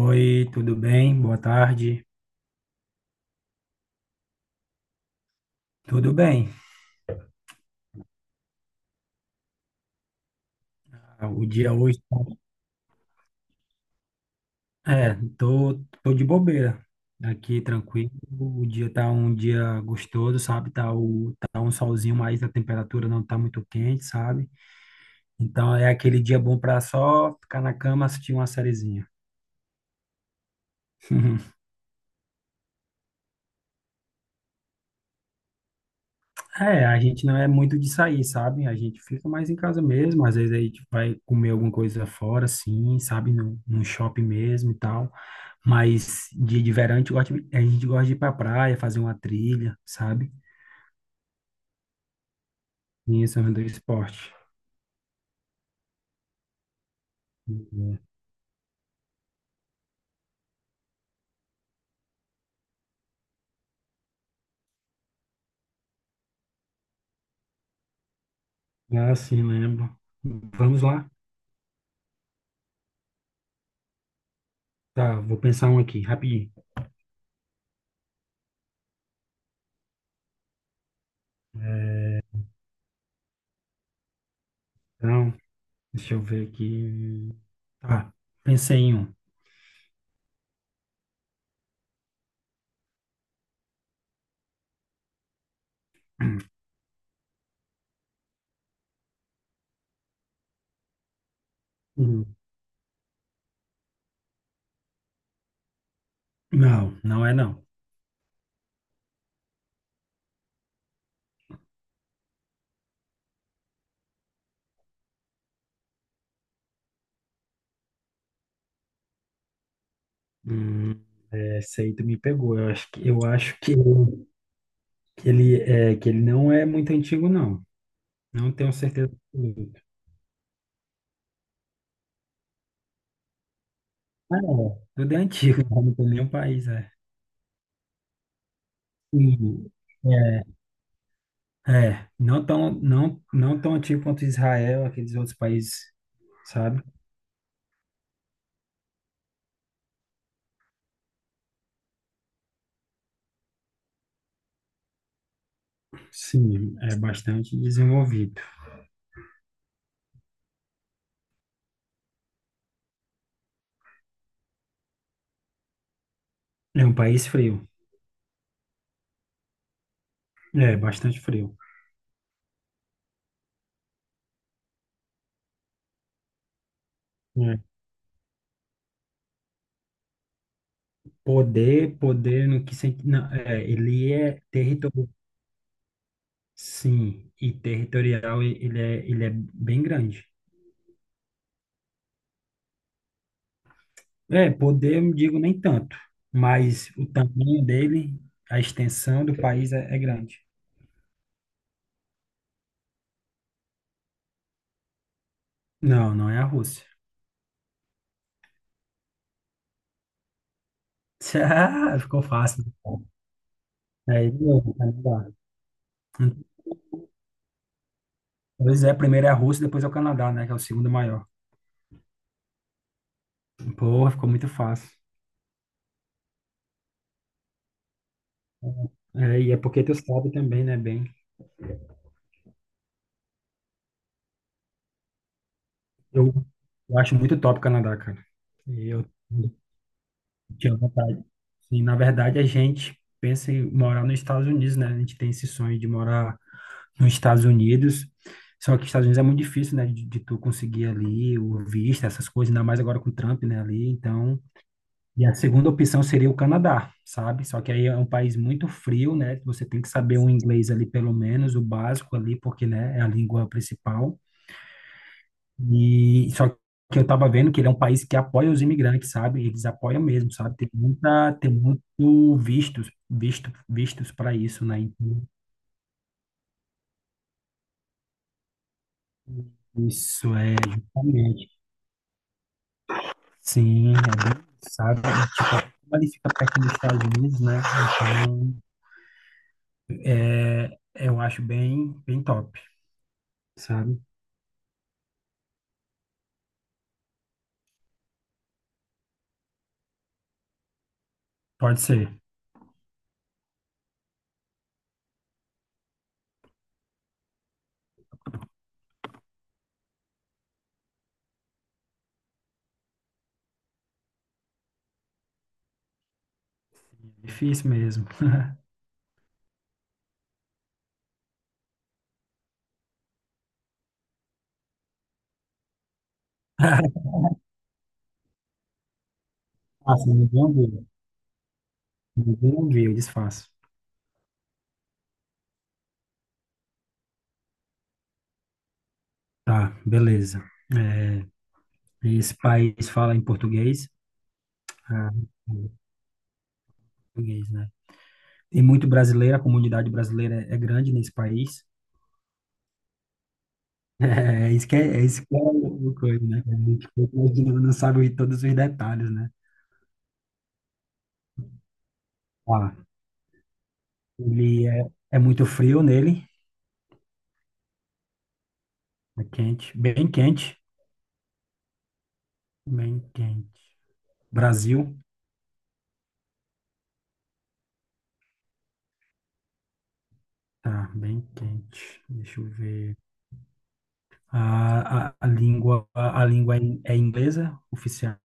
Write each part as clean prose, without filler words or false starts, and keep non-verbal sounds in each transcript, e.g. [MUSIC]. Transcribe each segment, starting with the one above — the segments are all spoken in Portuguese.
Oi, tudo bem? Boa tarde. Tudo bem. O dia hoje tá- tô, de bobeira. Aqui tranquilo. O dia tá um dia gostoso, sabe? Tá, tá um solzinho, mas a temperatura não tá muito quente, sabe? Então é aquele dia bom para só ficar na cama, assistir uma sériezinha. [LAUGHS] É, a gente não é muito de sair, sabe? A gente fica mais em casa mesmo, às vezes a gente vai comer alguma coisa fora, assim, sabe? Num shopping mesmo e tal. Mas dia de verão a gente gosta, de- a gente gosta de ir pra praia, fazer uma trilha, sabe? E esse é o do esporte. Uhum. Ah, sim, lembro. Vamos lá? Tá, vou pensar um aqui, rapidinho. Então, deixa eu ver aqui. Tá, pensei em um. Uhum. Não, não é não. Hum, essa aí tu me pegou. Eu acho que [LAUGHS] que ele não é muito antigo, não. Não tenho certeza absoluta. Ah, é. Tudo é antigo, [LAUGHS] né? Não tem nenhum país, é. Sim. É, é, não tão antigo quanto Israel, aqueles outros países, sabe? Sim, é bastante desenvolvido. É um país frio. É, bastante frio. É. Poder no que sentido? Não, é, ele é territorial. Sim, e territorial e- ele é bem grande. É, poder, eu não digo nem tanto, mas o tamanho dele, a extensão do país é, é grande. Não, não é a Rússia. [LAUGHS] Ah, ficou fácil. É, de novo, o Canadá. Pois é, primeiro é a Rússia, depois é o Canadá, né, que é o segundo maior. Porra, ficou muito fácil. É, e é porque tu sabe também, né, bem. Eu, eu acho muito top o Canadá, cara. E eu tinha vontade. E, na verdade, a gente pensa em morar nos Estados Unidos, né? A gente tem esse sonho de morar nos Estados Unidos. Só que Estados Unidos é muito difícil, né, de tu conseguir ali o visto, essas coisas, ainda mais agora com o Trump, né, ali, então... E a segunda opção seria o Canadá, sabe? Só que aí é um país muito frio, né? Você tem que saber um inglês ali, pelo menos, o básico ali, porque, né, é a língua principal. E só que Eu tava vendo que ele é um país que apoia os imigrantes, sabe? Eles apoiam mesmo, sabe? Tem muita, tem muito vistos, visto, vistos para isso, né? Então, isso é justamente. Sim, é bem, sabe? Tipo, como ele fica perto dos Estados Unidos, né? Então, é, eu acho bem, bem top, sabe? Pode ser. Difícil mesmo. [LAUGHS] Faço, ninguém ouviu. Ninguém ouviu, eu desfaço. Tá, beleza. É, esse país fala em português. Ah, em português, né? Tem muito brasileiro, a comunidade brasileira é grande nesse país. [LAUGHS] É, é isso que é, é isso que é o coisa, né? A gente fica imaginando, não sabe todos os detalhes, né? Tá. Ele é, é muito frio nele, é quente, bem quente, bem quente. Brasil, tá, bem quente. Deixa eu ver. A língua, a língua é in- é inglesa, oficial.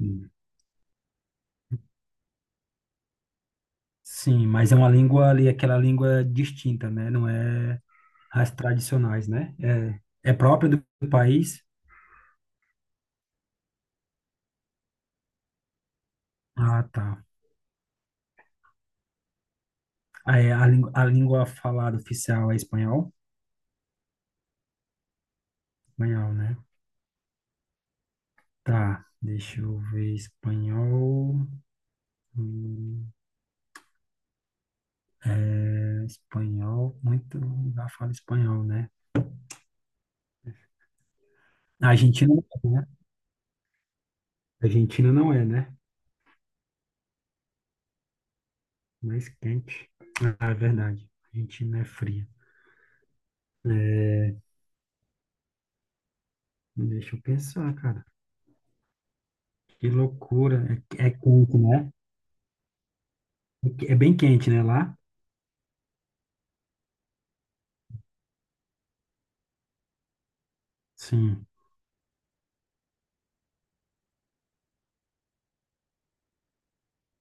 Hum. Sim, mas é uma língua ali, aquela língua distinta, né? Não é as tradicionais, né? É, é própria do país. Ah, tá. Ah, é, língua- a língua falada oficial é espanhol? Espanhol, né? Tá, deixa eu ver. Espanhol. Hum. É, espanhol, muito lugar fala espanhol, né? A Argentina não é, né? A Argentina não é, né? Mais quente. Ah, é verdade. A Argentina é fria. Deixa eu pensar, cara. Que loucura. É, é quente, né? É bem quente, né? Lá? Sim.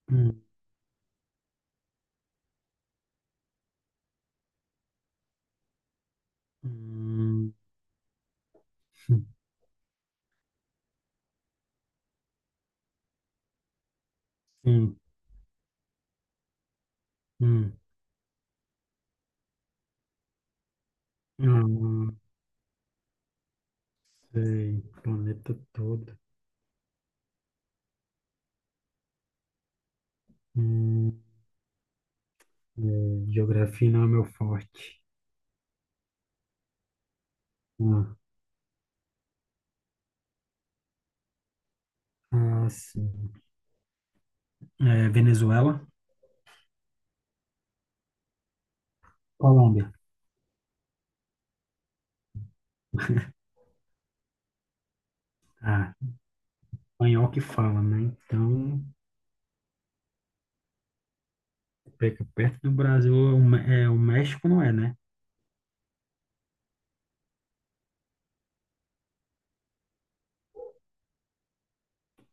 Hum, hum, hum, sim. Hum. Hum. Não sei. Planeta todo. Hum, é, geografia não é meu forte. Ah, ah, sim. É, Venezuela? Colômbia. Ah, espanhol que fala, né? Então, pega perto do Brasil, Mé- é, o México não é, né?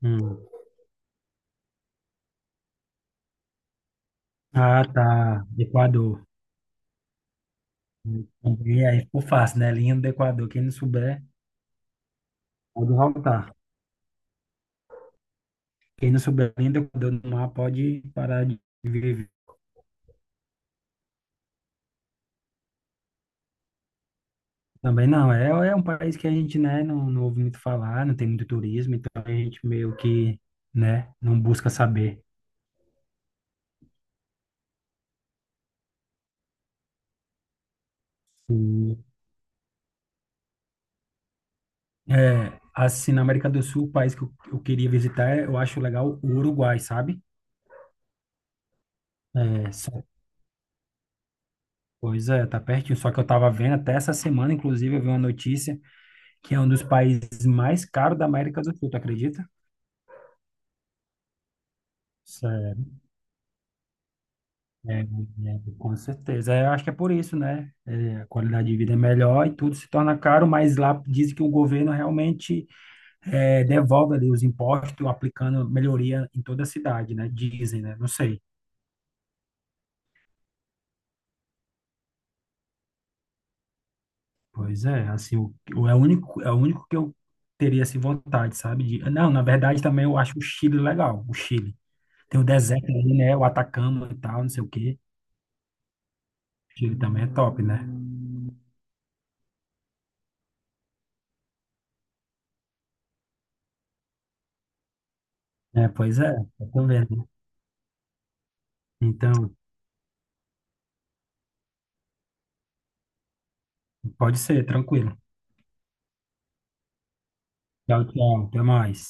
Hum. Ah, tá. Equador. E aí ficou fácil, né? Linha do Equador. Quem não souber, pode voltar. Quem não souber a linha do Equador no mar, pode parar de viver. Também não. É, é um país que a gente, né, não ouve muito falar, não tem muito turismo, então a gente meio que, né, não busca saber. Sim. É, assim, na América do Sul, o país que eu queria visitar, eu acho legal o Uruguai, sabe? É, só- pois é, tá pertinho. Só que eu tava vendo até essa semana, inclusive, eu vi uma notícia que é um dos países mais caros da América do Sul, tu acredita? Sério, é, é, com certeza. É, eu acho que é por isso, né? É, a qualidade de vida é melhor e tudo se torna caro, mas lá dizem que o governo realmente é, devolve ali os impostos, aplicando melhoria em toda a cidade, né? Dizem, né? Não sei. Pois é, assim, é o único que eu teria assim, vontade, sabe? De, não, na verdade também eu acho o Chile legal, o Chile. Tem o deserto ali, né? O Atacama e tal, não sei o quê. Chile também é top, né? É, pois é, eu tô vendo, né? Então, pode ser, tranquilo. Tchau, tchau, até mais.